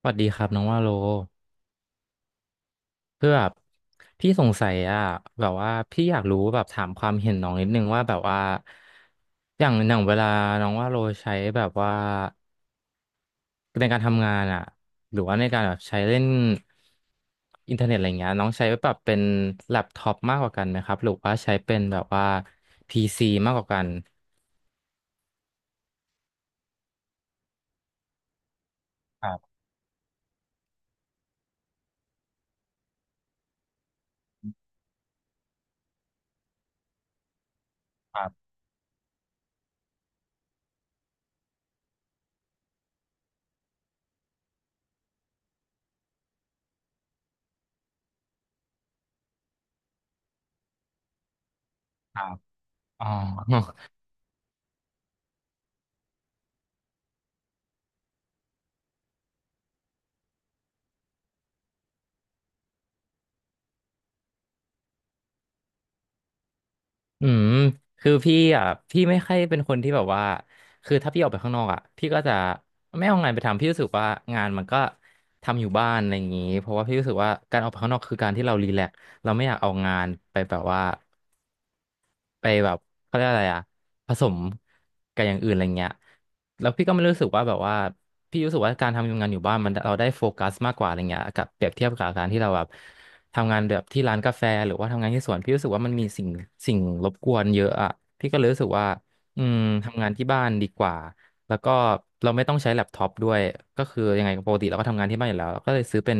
สวัสดีครับน้องว่าโลเพื่อแบบพี่สงสัยอะแบบว่าพี่อยากรู้แบบถามความเห็นน้องนิดนึงว่าแบบว่าอย่างเวลาน้องว่าโลใช้แบบว่าในการทำงานอะหรือว่าในการแบบใช้เล่นอินเทอร์เน็ตอะไรเงี้ยน้องใช้แบบเป็นแล็ปท็อปมากกว่ากันไหมครับหรือว่าใช้เป็นแบบว่าพีซีมากกว่ากันครับครับครับอ๋อ อืมคือพี่อ่ะพี่ไม่ค่อยเป็นคนที่แบบว่าคือถ้าพี่ออกไปข้างนอกอ่ะพี่ก็จะไม่เอางานไปทำพี่รู้สึกว่างานมันก็ทำอยู่บ้านอะไรอย่างนี้เพราะว่าพี่รู้สึกว่าการออกไปข้างนอกคือการที่เรารีแลกซ์เราไม่อยากเอางานไปแบบว่า ไปแบบเขาเรียกอะไรอะผสมกับอย่างอื่นอะไรเงี้ยแล้วพี่ก็ไม่รู้สึกว่าแบบว่าพี่รู้สึกว่าการทำงานอยู่บ้านมันเราได้โฟกัสมากกว่าอะไรเงี้ยกับเปรียบเทียบกับการที่เราแบบทำงานแบบที่ร้านกาแฟหรือว่าทำงานที่สวนพี่รู้สึกว่ามันมีสิ่งรบกวนเยอะอะพี่ก็เลยรู้สึกว่าอืมทำงานที่บ้านดีกว่าแล้วก็เราไม่ต้องใช้แล็ปท็อปด้วยก็คือยังไงปกติเราก็ทำงานที่บ้านอยู่แล้วก็เลยซื้อเป็น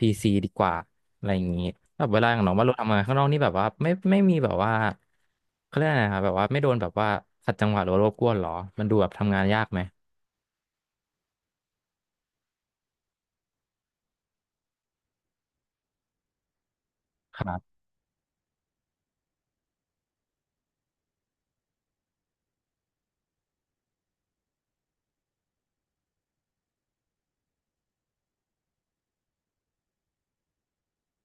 PC ดีกว่า อะไรอย่างนี้แบบเวลาขอย่างน้องว่าเราทำงานข้างนอกนี่แบบว่าไม่มีแบบว่าเขาเรียกอะไรนะครับแบบว่าไม่โดนแบบว่าขัดจังหวะหรือว่ารบกวนหรอ มันดูแบบทำงานยากไหม ครับ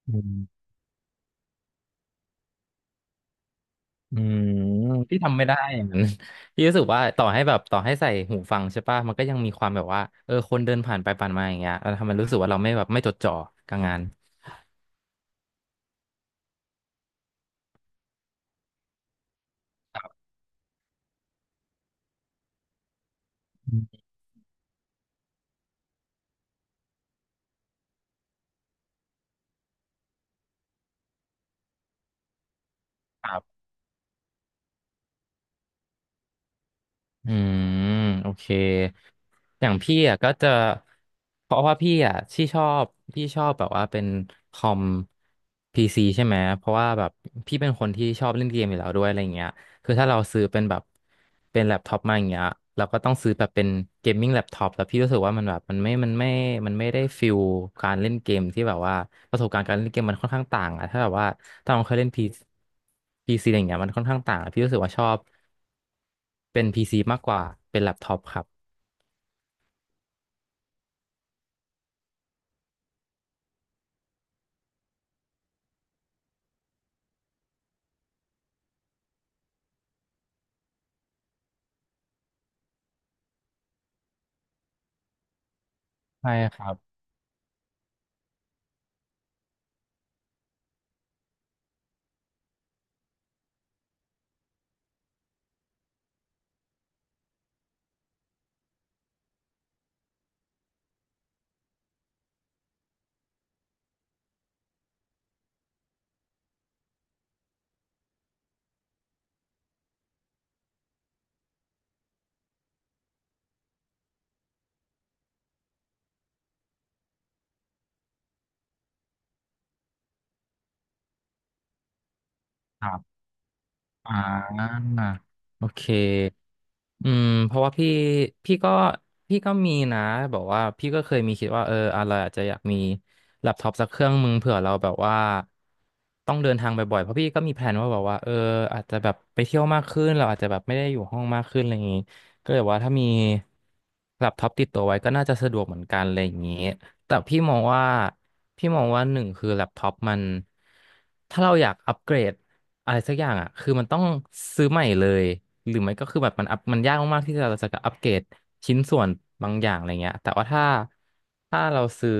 อืมอืมที่ทำไม่ได้อย่างนั้น ที่รู้สึกว่าต่อให้แบบต่อให้ใส่หูฟังใช่ป่ะมันก็ยังมีความแบบว่าเออคนเดินผ่านไปผ่านมาอย่างเงี้ยเราทำให้รู้สึกว่าเราไม่แบบไม่จดจ่อกับงานอืม อืมโอเคอย่างพี่อ่ะก็จะเพราะว่าพี่อ่ะที่ชอบพี่ชอบแบบว่าเป็นคอมพีซีใช่ไหมเพราะว่าแบบพี่เป็นคนที่ชอบเล่นเกมอยู่แล้วด้วยอะไรเงี้ยคือถ้าเราซื้อเป็นแบบเป็นแล็ปท็อปมาอย่างเงี้ยเราก็ต้องซื้อแบบเป็นเกมมิ่งแล็ปท็อปแล้วพี่รู้สึกว่ามันแบบมันไม่ได้ฟิลการเล่นเกมที่แบบว่าประสบการณ์การเล่นเกมมันค่อนข้างต่างอะถ้าแบบว่าตอนเราเคยเล่นพีซีอะไรเงี้ยมันค่อนข้างต่างอะพี่รู้สึกว่าชอบ เป็น PC มากกว่าเป็นแล็ปท็อปครับใช่ครับครับอ่าโอเคเพราะว่าพี่พี่ก็พี่ก็มีนะแบบว่าพี่ก็เคยมีคิดว่าเอออะไราอาจจะอยากมีแล็ปท็อปสักเครื่องมึงเผื่อเราแบบว่าต้องเดินทางบ่อยๆเพราะพี่ก็มีแผนว่าแบบว่าเอออาจจะแบบไปเที่ยวมากขึ้นเราอาจจะแบบไม่ได้อยู่ห้องมากขึ้นอะไรอย่างงี้ก็เลยว่าถ้ามีแล็ปท็อปติดตัวไว้ก็น่าจะสะดวกเหมือนกันอะไรอย่างงี้ แต่พี่มองว่าหนึ่งคือแล็ปท็อปมันถ้าเราอยากอัปเกรดอะไรสักอย่างอ่ะคือมันต้องซื้อใหม่เลยหรือไม่ก็คือแบบมันอัพมันยากมากๆที่เราจะอัปเกรดชิ้นส่วนบางอย่างอะไรเงี้ยแต่ว่าถ้าเราซื้อ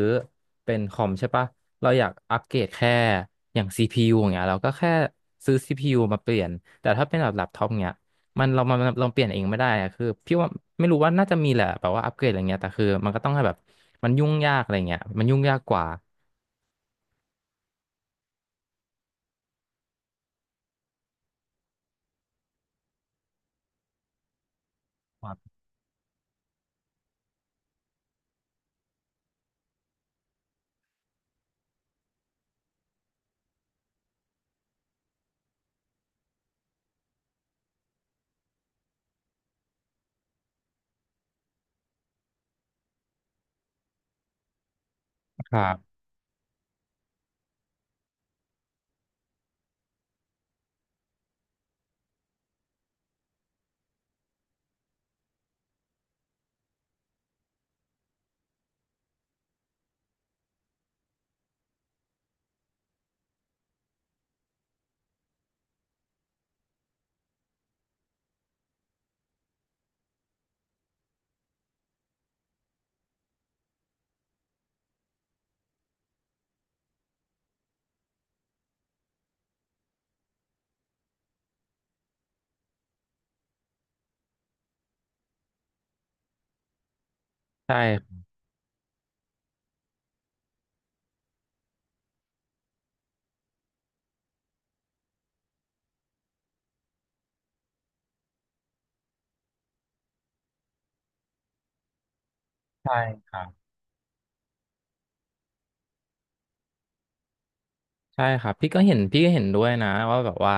เป็นคอมใช่ปะเราอยากอัปเกรดแค่อย่าง CPU อย่างเงี้ยเราก็แค่ซื้อ CPU มาเปลี่ยนแต่ถ้าเป็นแบบแล็ปท็อปเงี้ย มันเราเปลี่ยนเองไม่ได้อะคือพี่ว่าไม่รู้ว่าน่าจะมีแหละแบบว่าอัปเกรดอะไรเงี้ยแต่คือมันก็ต้องให้แบบมันยุ่งยากอะไรเงี้ยมันยุ่งยากกว่าครับใช่ใช่ครับ ใช่ครับพี่ก็เห็นด้วยนะว่าแบบว่า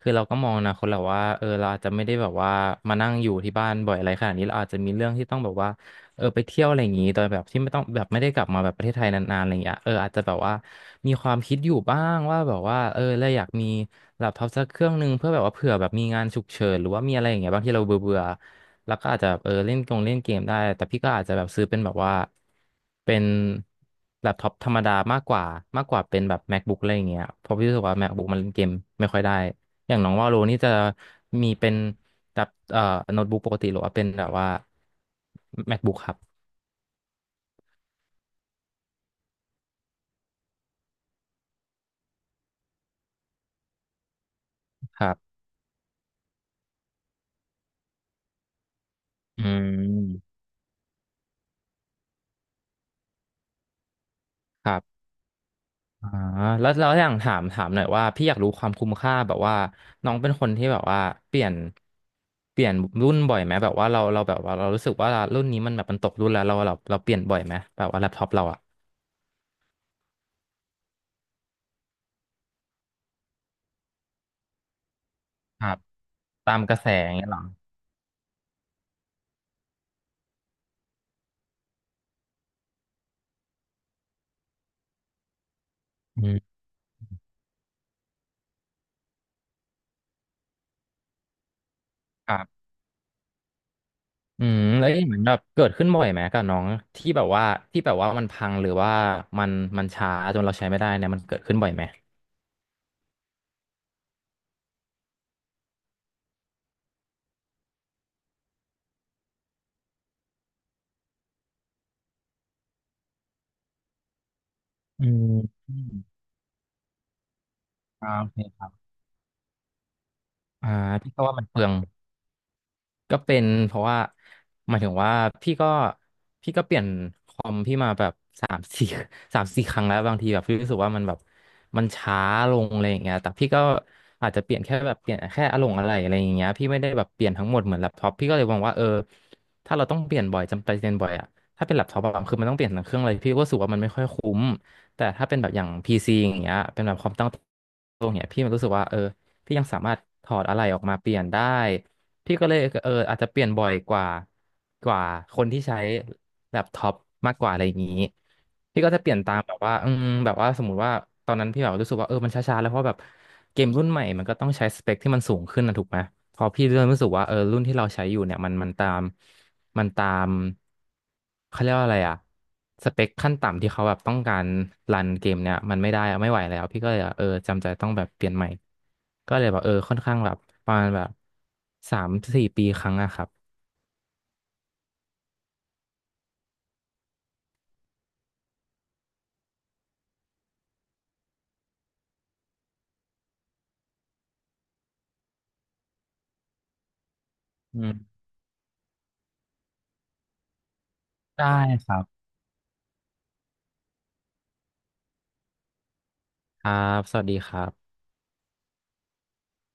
คือเราก็มองอนะคนเราว่าเออเราอาจจะไม่ได้แบบว่ามานั่งอยู่ที่บ้านบ่อยอะไรขนาดนี้เราอาจจะมีเรื่องที่ต้องแบบว่าเออไปเที่ยวอะไรอย่างนี้โดยแบบที่ไม่ต้องแบบไม่ได้กลับมาแบบประเทศไทยนานๆอะไรอย่างเงี้ยเอออาจจะแบบว่ามีความคิดอยู่บ้างว่าแบบว่าเออเราอยากมีแล็ปท็อปสักเครื่องหนึ่งเพื่อแบบว่าเผื่อแบบมีงานฉุกเฉินหรือว่ามีอะไรอย่างเงี้ยบางที่เราเบื่อๆ แล้วก็อาจจะเล่นเกมได้แต่พี่ก็อาจจะแบบซื้อเป็นแบบว่าเป็นแล็ปท็อปธรรมดามากกว่าเป็นแบบ MacBook อะไรอย่างเงี้ยเพราะพี่รู้สึกว่า MacBook มันเล่นเกมไม่ค่อยได้อย่างน้องว่าโลนี่จะมีเป็นแบบโน้ตบุ๊กปกติหรือว่าเป็นแบบว่า MacBook ครับครับอืมครับ อ่าแล้วอย่างถามหน่อยว่าพี่อยากรู้ความคุ้มค่าแบบว่าน้องเป็นคนที่แบบว่าเปลี่ยนเปลี่ยนรุ่นบ่อยไหมแบบว่าเราแบบว่าเรารู้สึกว่ารุ่นนี้มันแบบมันตกรุ่นแล้วเราเปลี่ยนบ่อยไหมแบบว่าแล็ปท็อปเราอะครับตามกระแสอย่างเงี้ยเหรออืมครับอืมแล้วเอ๊ะเหมือนแบบเกิดขึ้นบ่อยไหมกับน้องที่แบบว่าที่แบบว่ามันพังหรือว่ามันมันช้าจนเราใช้ไม่ได้เนี่ยมันเกิดขึ้นบ่อยไหมอืมอมอ่าโอเคครับอ่าพี่ก็ว่ามันเปลือง ก็เป็นเพราะว่าหมายถึงว่าพี่ก็พี่ก็เปลี่ยนคอมพี่มาแบบสามสี่ 3-4ครั้งแล้วบางทีแบบพี่รู้สึกว่ามันแบบมันช้าลงอะไรอย่างเงี้ยแต่พี่ก็อาจจะเปลี่ยนแค่อารมณ์อะไรอะไรอย่างเงี้ยพี่ไม่ได้แบบเปลี่ยนทั้งหมดเหมือนแล็ปท็อปพี่ก็เลยมองว่าเออถ้าเราต้องเปลี่ยนบ่อยจำเป็นเปลี่ยนบ่อยอะถ้าเป็นแล็ปท็อปอะคือมันต้องเปลี่ยนทั้งเครื่องเลยพี่ก็รู้สึกว่ามันไม่ค่อยคุ้มแต่ถ้าเป็นแบบอย่างพีซ c อย่างเงี้ยเป็นแบบความตั้งตรงเนี้ยพี่มันรู้สึกว่าเออพี่ยังสามารถถอดอะไรออกมาเปลี่ยนได้ พี่ก็เลยอาจจะเปลี่ยนบ่อยกว่าคนที่ใช้แล็ปท็อปมากกว่าอะไรอย่างนี้พี่ก็จะเปลี่ยนตามแบบว่าอืมแบบว่าสมมุติว่าตอนนั้นพี่แบบรู้สึกว่าเออมันช้าๆแล้วเพราะแบบเกมรุ่นใหม่มันก็ต้องใช้สเปคที่มันสูงขึ้นนะถูกไหมพอพี่เริ่มรู้สึกว่าเออรุ่นที่เราใช้อยู่เนี่ยมันตาม มันตามเขาเรียกว่าอะไรอะสเปคขั้นต่ำที่เขาแบบต้องการรันเกมเนี่ยมันไม่ได้อะไม่ไหวแล้วพี่ก็เลยแบบเออจำใจต้องแบบเปลี่ยนใหม่ก็เลยแบบเออค่อนข้างแบบประมาณแบบ3-4 ปีครั้งอะครับอืมได้ครับครับสวัสดีครับ